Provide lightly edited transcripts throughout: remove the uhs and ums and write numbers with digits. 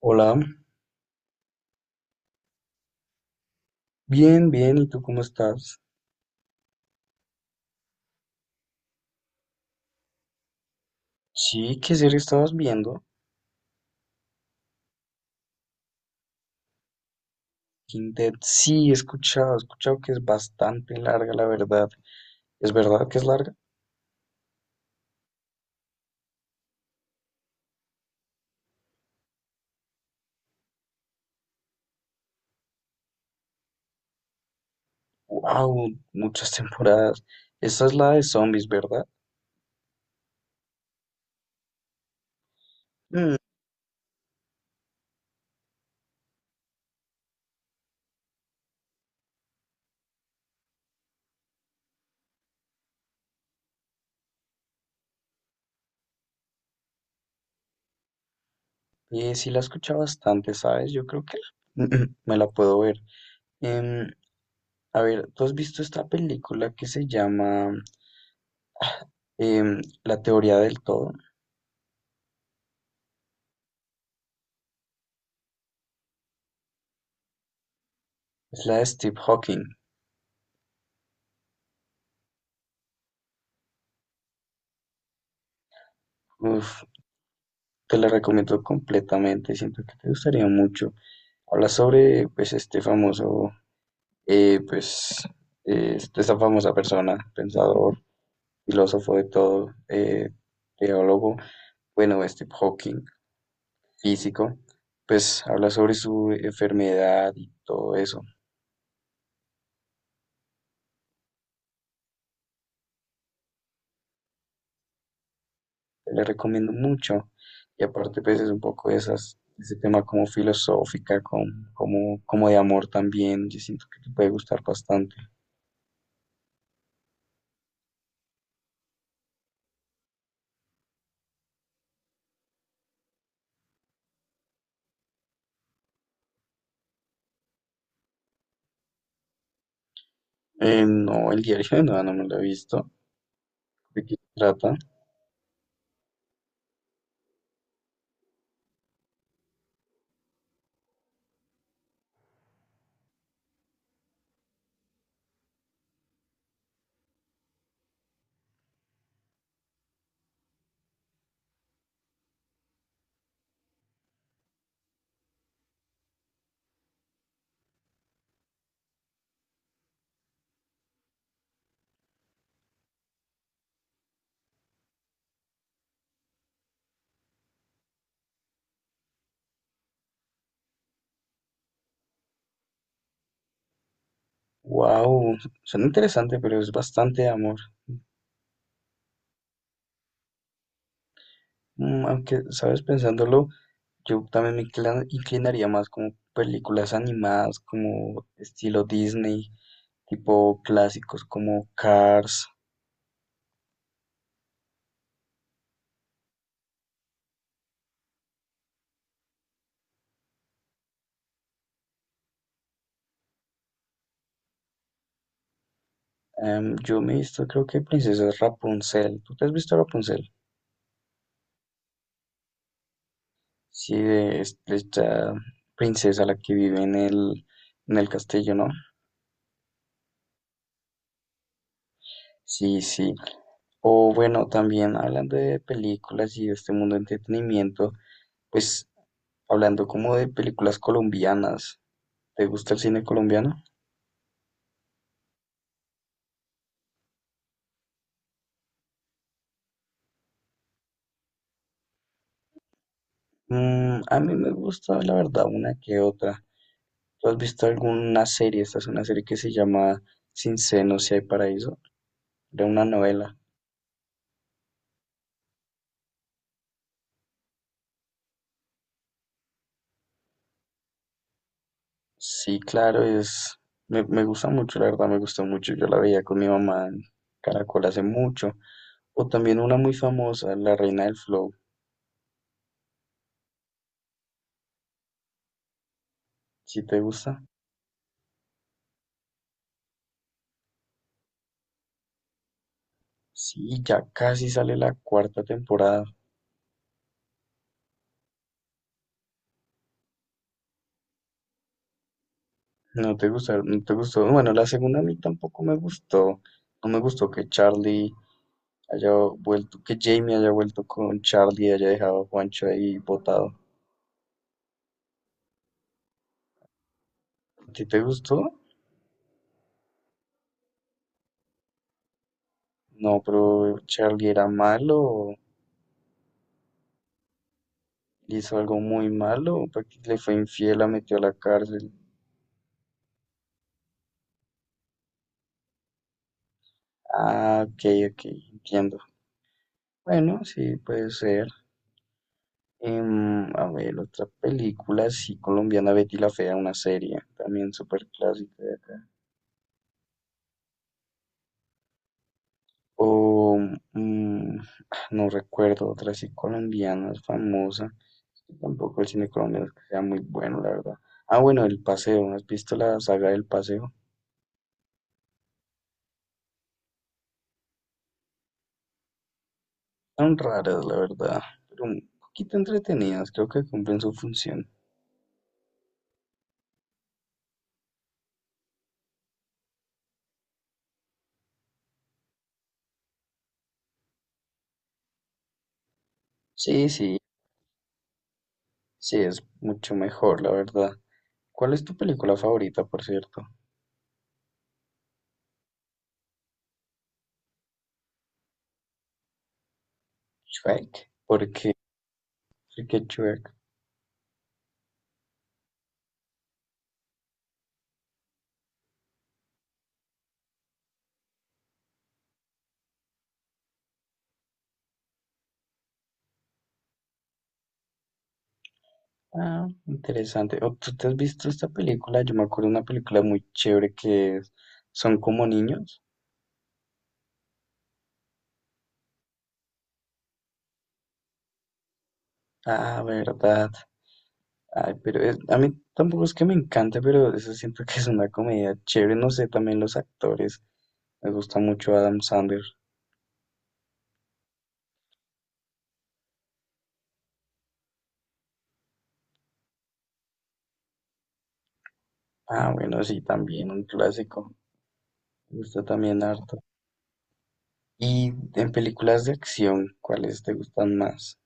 Hola, bien, ¿y tú cómo estás? Sí, ¿qué serie estabas viendo? Walking Dead, sí, he escuchado que es bastante larga, la verdad. ¿Es verdad que es larga? ¡Wow! Muchas temporadas. Esa es la de zombies, ¿verdad? Mm, sí, la he escuchado bastante, ¿sabes? Yo creo que me la puedo ver. Em, a ver, ¿tú has visto esta película que se llama La teoría del todo? Es la de Steve Hawking. Uf, te la recomiendo completamente, siento que te gustaría mucho. Habla sobre, pues, este famoso, pues, esta famosa persona, pensador, filósofo de todo, teólogo, bueno, Steve Hawking, físico, pues, habla sobre su enfermedad y todo eso. Te la recomiendo mucho. Y aparte, pues, es un poco de esas, ese tema como filosófica, como, como de amor también. Yo siento que te puede gustar bastante. No, el diario de Noa no me lo he visto. ¿De qué trata? Wow, suena interesante, pero es bastante amor. Mm, aunque, sabes, pensándolo, yo también inclinaría más como películas animadas, como estilo Disney, tipo clásicos como Cars. Yo me he visto, creo que Princesa Rapunzel. ¿Tú te has visto Rapunzel? Sí, de esta princesa, la que vive en el castillo, ¿no? Sí, sí. O bueno, también hablando de películas y de este mundo de entretenimiento, pues hablando como de películas colombianas, ¿te gusta el cine colombiano? Mm, a mí me gusta, la verdad, una que otra. ¿Tú has visto alguna serie? Esta es una serie que se llama Sin senos si hay paraíso, de una novela. Sí, claro, es... Me gusta mucho, la verdad, me gustó mucho. Yo la veía con mi mamá en Caracol hace mucho. O también una muy famosa, La Reina del Flow. ¿Si te gusta? Sí, ya casi sale la cuarta temporada. No te gustó, no te gustó. Bueno, la segunda a mí tampoco me gustó. No me gustó que Charlie haya vuelto, que Jamie haya vuelto con Charlie y haya dejado a Juancho ahí botado. ¿A ti te gustó? No, pero Charlie era malo, hizo algo muy malo, porque le fue infiel, la metió a la cárcel. Ah, ok, ok, entiendo. Bueno, sí, puede ser. A ver, otra película, sí, colombiana, Betty la Fea, una serie, también súper clásica de acá. O, mm, ah, no recuerdo otra así colombiana, famosa. Tampoco el cine colombiano es que sea muy bueno, la verdad. Ah, bueno, El Paseo, ¿no ¿has visto la saga del Paseo? Son raras, la verdad, pero un poquito entretenidas, creo que cumplen su función. Sí, sí, sí, es mucho mejor, la verdad. ¿Cuál es tu película favorita, por cierto? Shrek, porque Enrique Shrek. Ah, interesante. ¿O tú te has visto esta película? Yo me acuerdo de una película muy chévere que es Son como niños. Ah, verdad. Ay, pero a mí tampoco es que me encante, pero eso siento que es una comedia chévere. No sé, también los actores. Me gusta mucho Adam Sandler. Ah, bueno, sí, también un clásico. Me gusta también harto. Y en películas de acción, ¿cuáles te gustan más?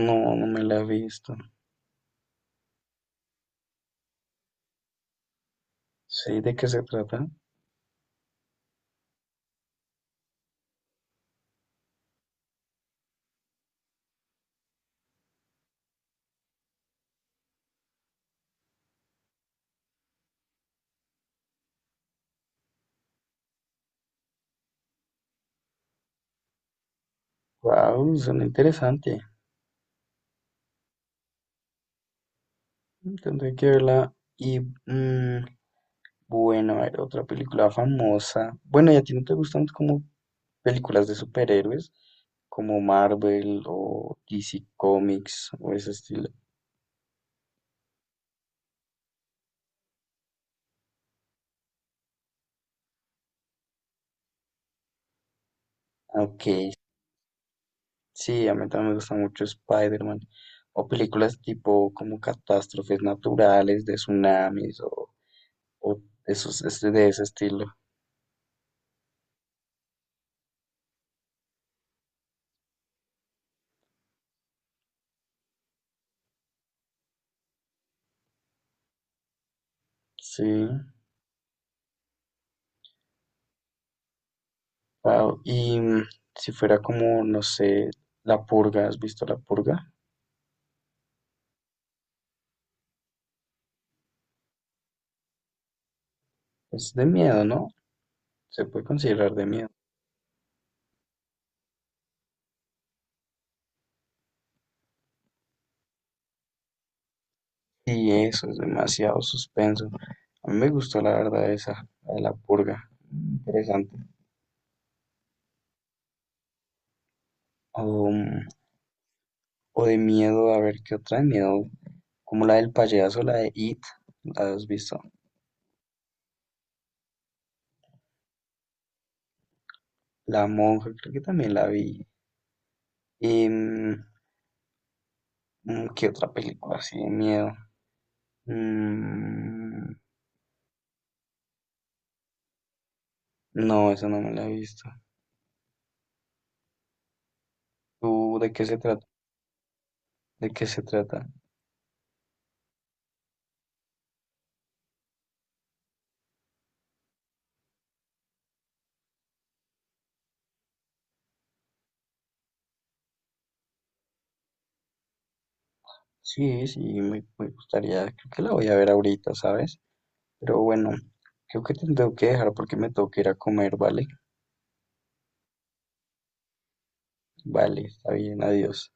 No, no me la he visto. Sí, ¿de qué se trata? Wow, suena interesante. Mm, tendré que verla. Y mm, bueno, a ver, otra película famosa. Bueno, ¿y a ti no te gustan como películas de superhéroes? Como Marvel o DC Comics o ese estilo. Ok, sí, a mí también me gusta mucho Spider-Man. O películas tipo como catástrofes naturales, de tsunamis o esos, de ese estilo. Sí, wow. Y mm, si fuera como, no sé, La Purga, ¿has visto La Purga? Es de miedo, ¿no? Se puede considerar de miedo. Y eso es demasiado suspenso. A mí me gustó la verdad esa, la de la purga. Interesante. O, mm, o de miedo, a ver qué otra de miedo. Como la del payaso, la de It, ¿la has visto? La monja, creo que también la vi. Y, mm, mm, ¿qué otra película así de miedo? Mm, no, esa no me la he visto. ¿Tú de qué se trata? ¿De qué se trata? Sí, sí, me gustaría, creo que la voy a ver ahorita, ¿sabes? Pero bueno, creo que te tengo que dejar porque me tengo que ir a comer, ¿vale? Vale, está bien, adiós.